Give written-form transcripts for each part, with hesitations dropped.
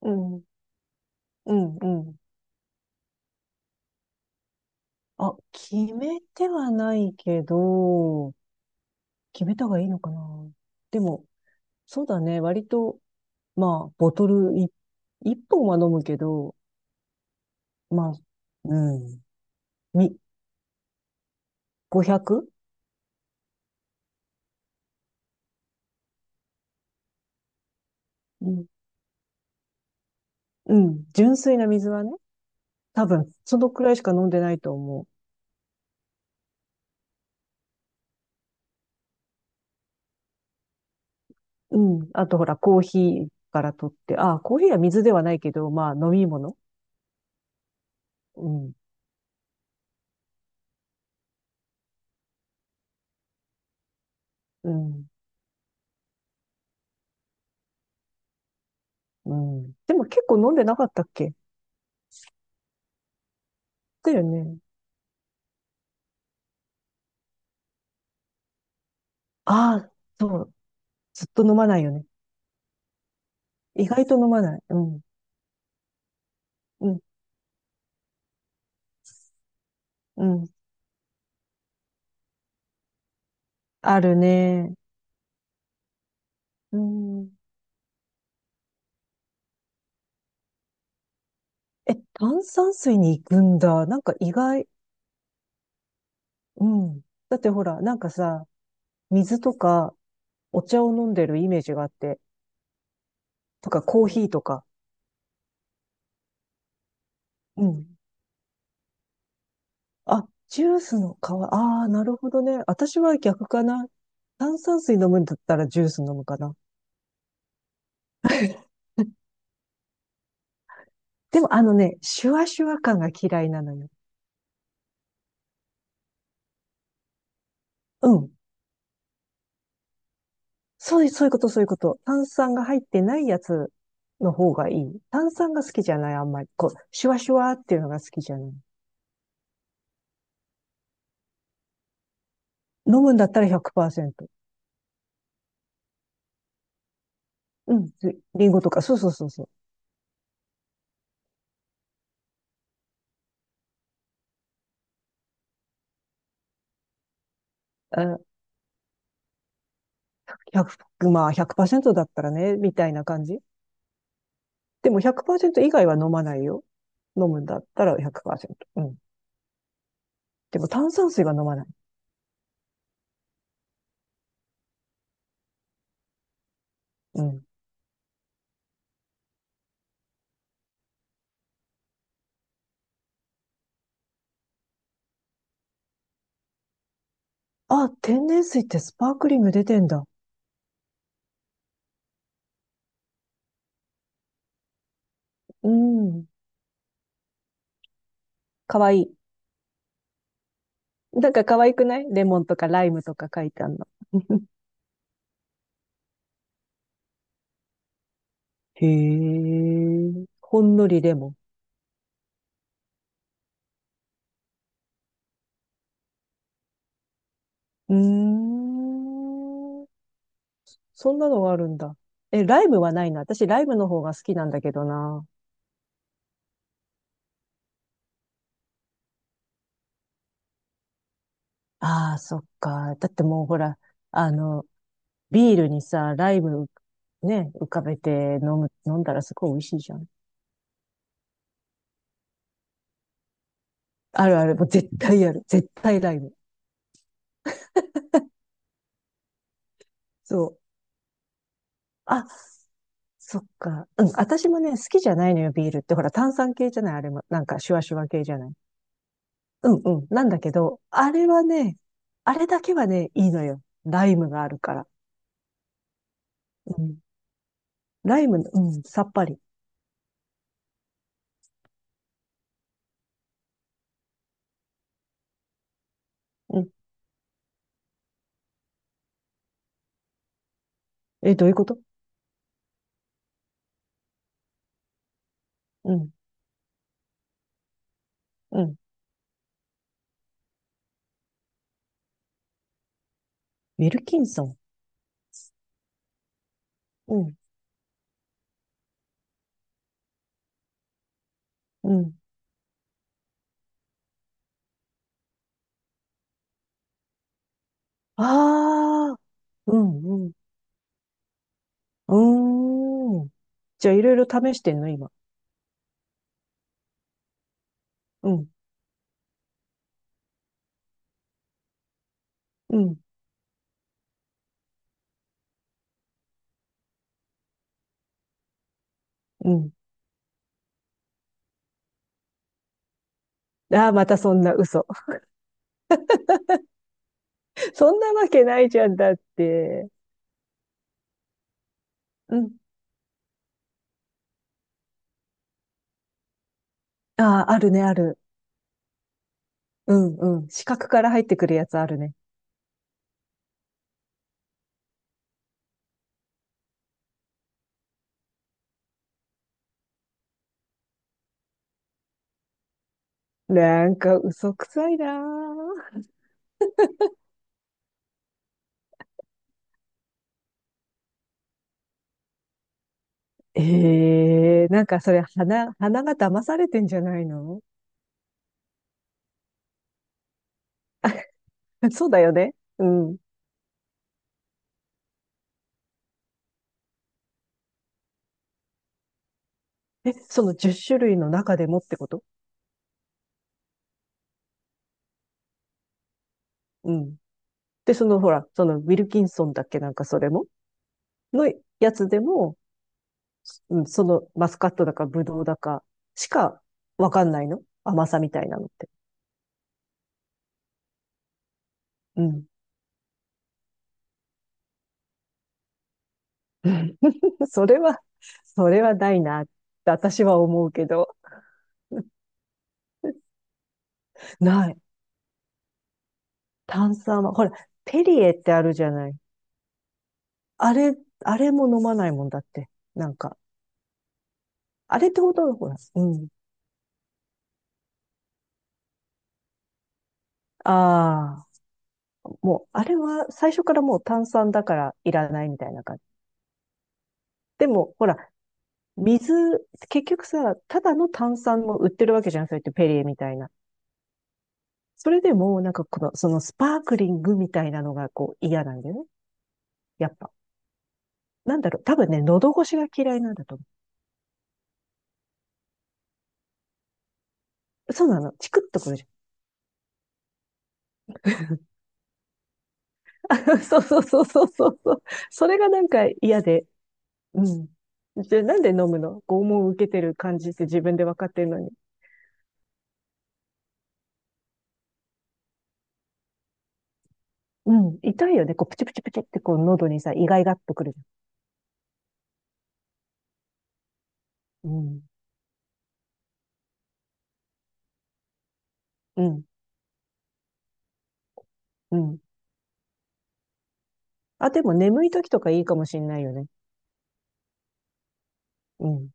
うん、うん、うん。あ、決めてはないけど、決めた方がいいのかな。でも、そうだね。割と、まあ、ボトルい一本は飲むけど、まあ、うん、み、500？ うん、うん、純粋な水はね、多分、そのくらいしか飲んでないと思う。うん。あと、ほら、コーヒーから取って、あ、コーヒーは水ではないけど、まあ、飲み物。うん、うん、うん。でも結構飲んでなかったっけ？だよね。ああ、そう。ずっと飲まないよね。意外と飲まない。うん。うん。うん。あるね。うん。え、炭酸水に行くんだ。なんか意外。うん。だってほら、なんかさ、水とかお茶を飲んでるイメージがあって、とかコーヒーとか。うん。あ、ジュースの代わ、ああ、なるほどね。私は逆かな。炭酸水飲むんだったらジュース飲むかな。でもあのね、シュワシュワ感が嫌いなのよ。うん。そういうこと、そういうこと。炭酸が入ってないやつの方がいい。炭酸が好きじゃない、あんまり。こう、シュワシュワっていうのが好きじゃない。飲むんだったら100%。うん。リンゴとか、そうそうそうそう。あ、100、まあ100%だったらね、みたいな感じ。でも100%以外は飲まないよ。飲むんだったら100%。うん。でも炭酸水が飲まない。うん。あ、天然水ってスパークリング出てんだ。うん。かわいい。なんか可愛くないレモンとかライムとか書いてあるの。へえ、ほんのりレモン。うーん。そんなのがあるんだ。え、ライムはないな。私、ライムの方が好きなんだけどな。ああ、そっか。だってもうほら、あの、ビールにさ、ライム、ね、浮かべて飲んだらすごい美味しいじゃん。あるある。もう絶対ある。絶対ライム。そう。あ、そっか。うん。私もね、好きじゃないのよ、ビールって。ほら、炭酸系じゃない、あれも。なんか、シュワシュワ系じゃない。うんうん。なんだけど、あれはね、あれだけはね、いいのよ。ライムがあるから。うん。ライムうん、さっぱり。うん。え、どういうこと？うん、うん。ウィルキンソン。うん、うん。ああ、うん、うん。うーん。じゃあ、いろいろ試してんの、今。うん、うん、うん。ああ、またそんな嘘。そんなわけないじゃんだって。うん。ああ、あるね、ある。うん、うん。四角から入ってくるやつあるね。なんか嘘くさいなー。ええなんかそれ、鼻が騙されてんじゃないの？ そうだよね。うん。え、その10種類の中でもってこと？うん。で、そのほら、そのウィルキンソンだっけ？なんかそれものやつでも、うん、そのマスカットだかブドウだかしかわかんないの甘さみたいなのって。うん。それは、それはないなって私は思うけど。ない。炭酸は、ほら、ペリエってあるじゃない。あれ、あれも飲まないもんだって。なんか、あれってほとんどほら、うん。ああ、もう、あれは最初からもう炭酸だからいらないみたいな感じ。でも、ほら、水、結局さ、ただの炭酸も売ってるわけじゃん、そうやってペリエみたいな。それでも、なんかそのスパークリングみたいなのがこう嫌なんだよね。やっぱ。なんだろう、多分ね、喉越しが嫌いなんだと思う。そうなの、チクッとくるじゃん。そうそうそうそうそうそう。それがなんか嫌で、うん。じゃあなんで飲むの？拷問を受けてる感じって自分で分かってるのに。うん。痛いよね。こう、プチプチプチってこう、喉にさ、イガイガっとくるじゃん。うん。うん。うん。あ、でも眠い時とかいいかもしんないよね。うん。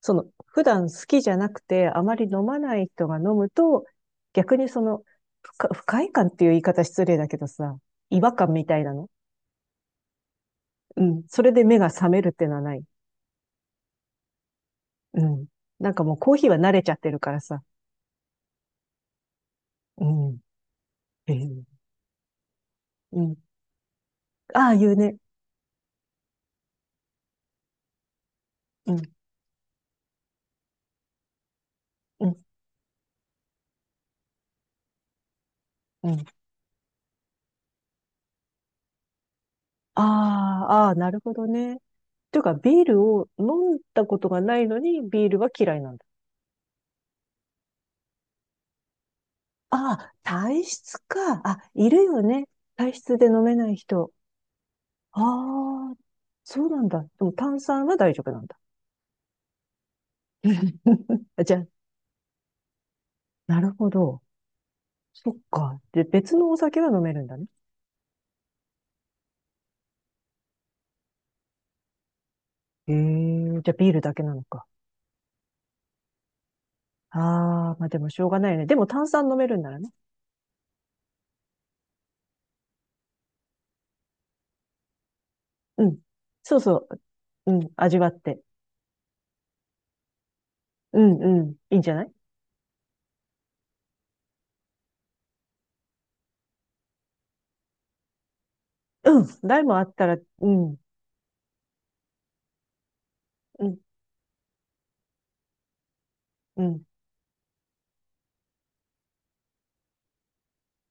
その、普段好きじゃなくて、あまり飲まない人が飲むと、逆にその、不快感っていう言い方失礼だけどさ、違和感みたいなの。うん。それで目が覚めるってのはない？うん。なんかもうコーヒーは慣れちゃってるからさ。うん。へえ。うん。ああいうね、うん、うん、うん。ああ、ああ、なるほどね。っていうか、ビールを飲んだことがないのに、ビールは嫌いなんだ。ああ、体質か。あ、いるよね。体質で飲めない人。ああ、そうなんだ。でも炭酸は大丈夫なんだ。じゃあ、なるほど。そっか。で、別のお酒は飲めるんだね。へえ、じゃあビールだけなのか。ああ、まあでもしょうがないよね。でも炭酸飲めるんならね。うん。そうそう。うん。味わって。うんうん。いいんじゃない？うん。台もあったら、うん、うん、うん。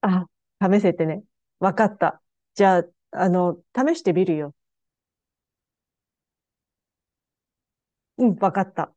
あ、試せってね。わかった。じゃあ、あの、試してみるよ。うん、わかった。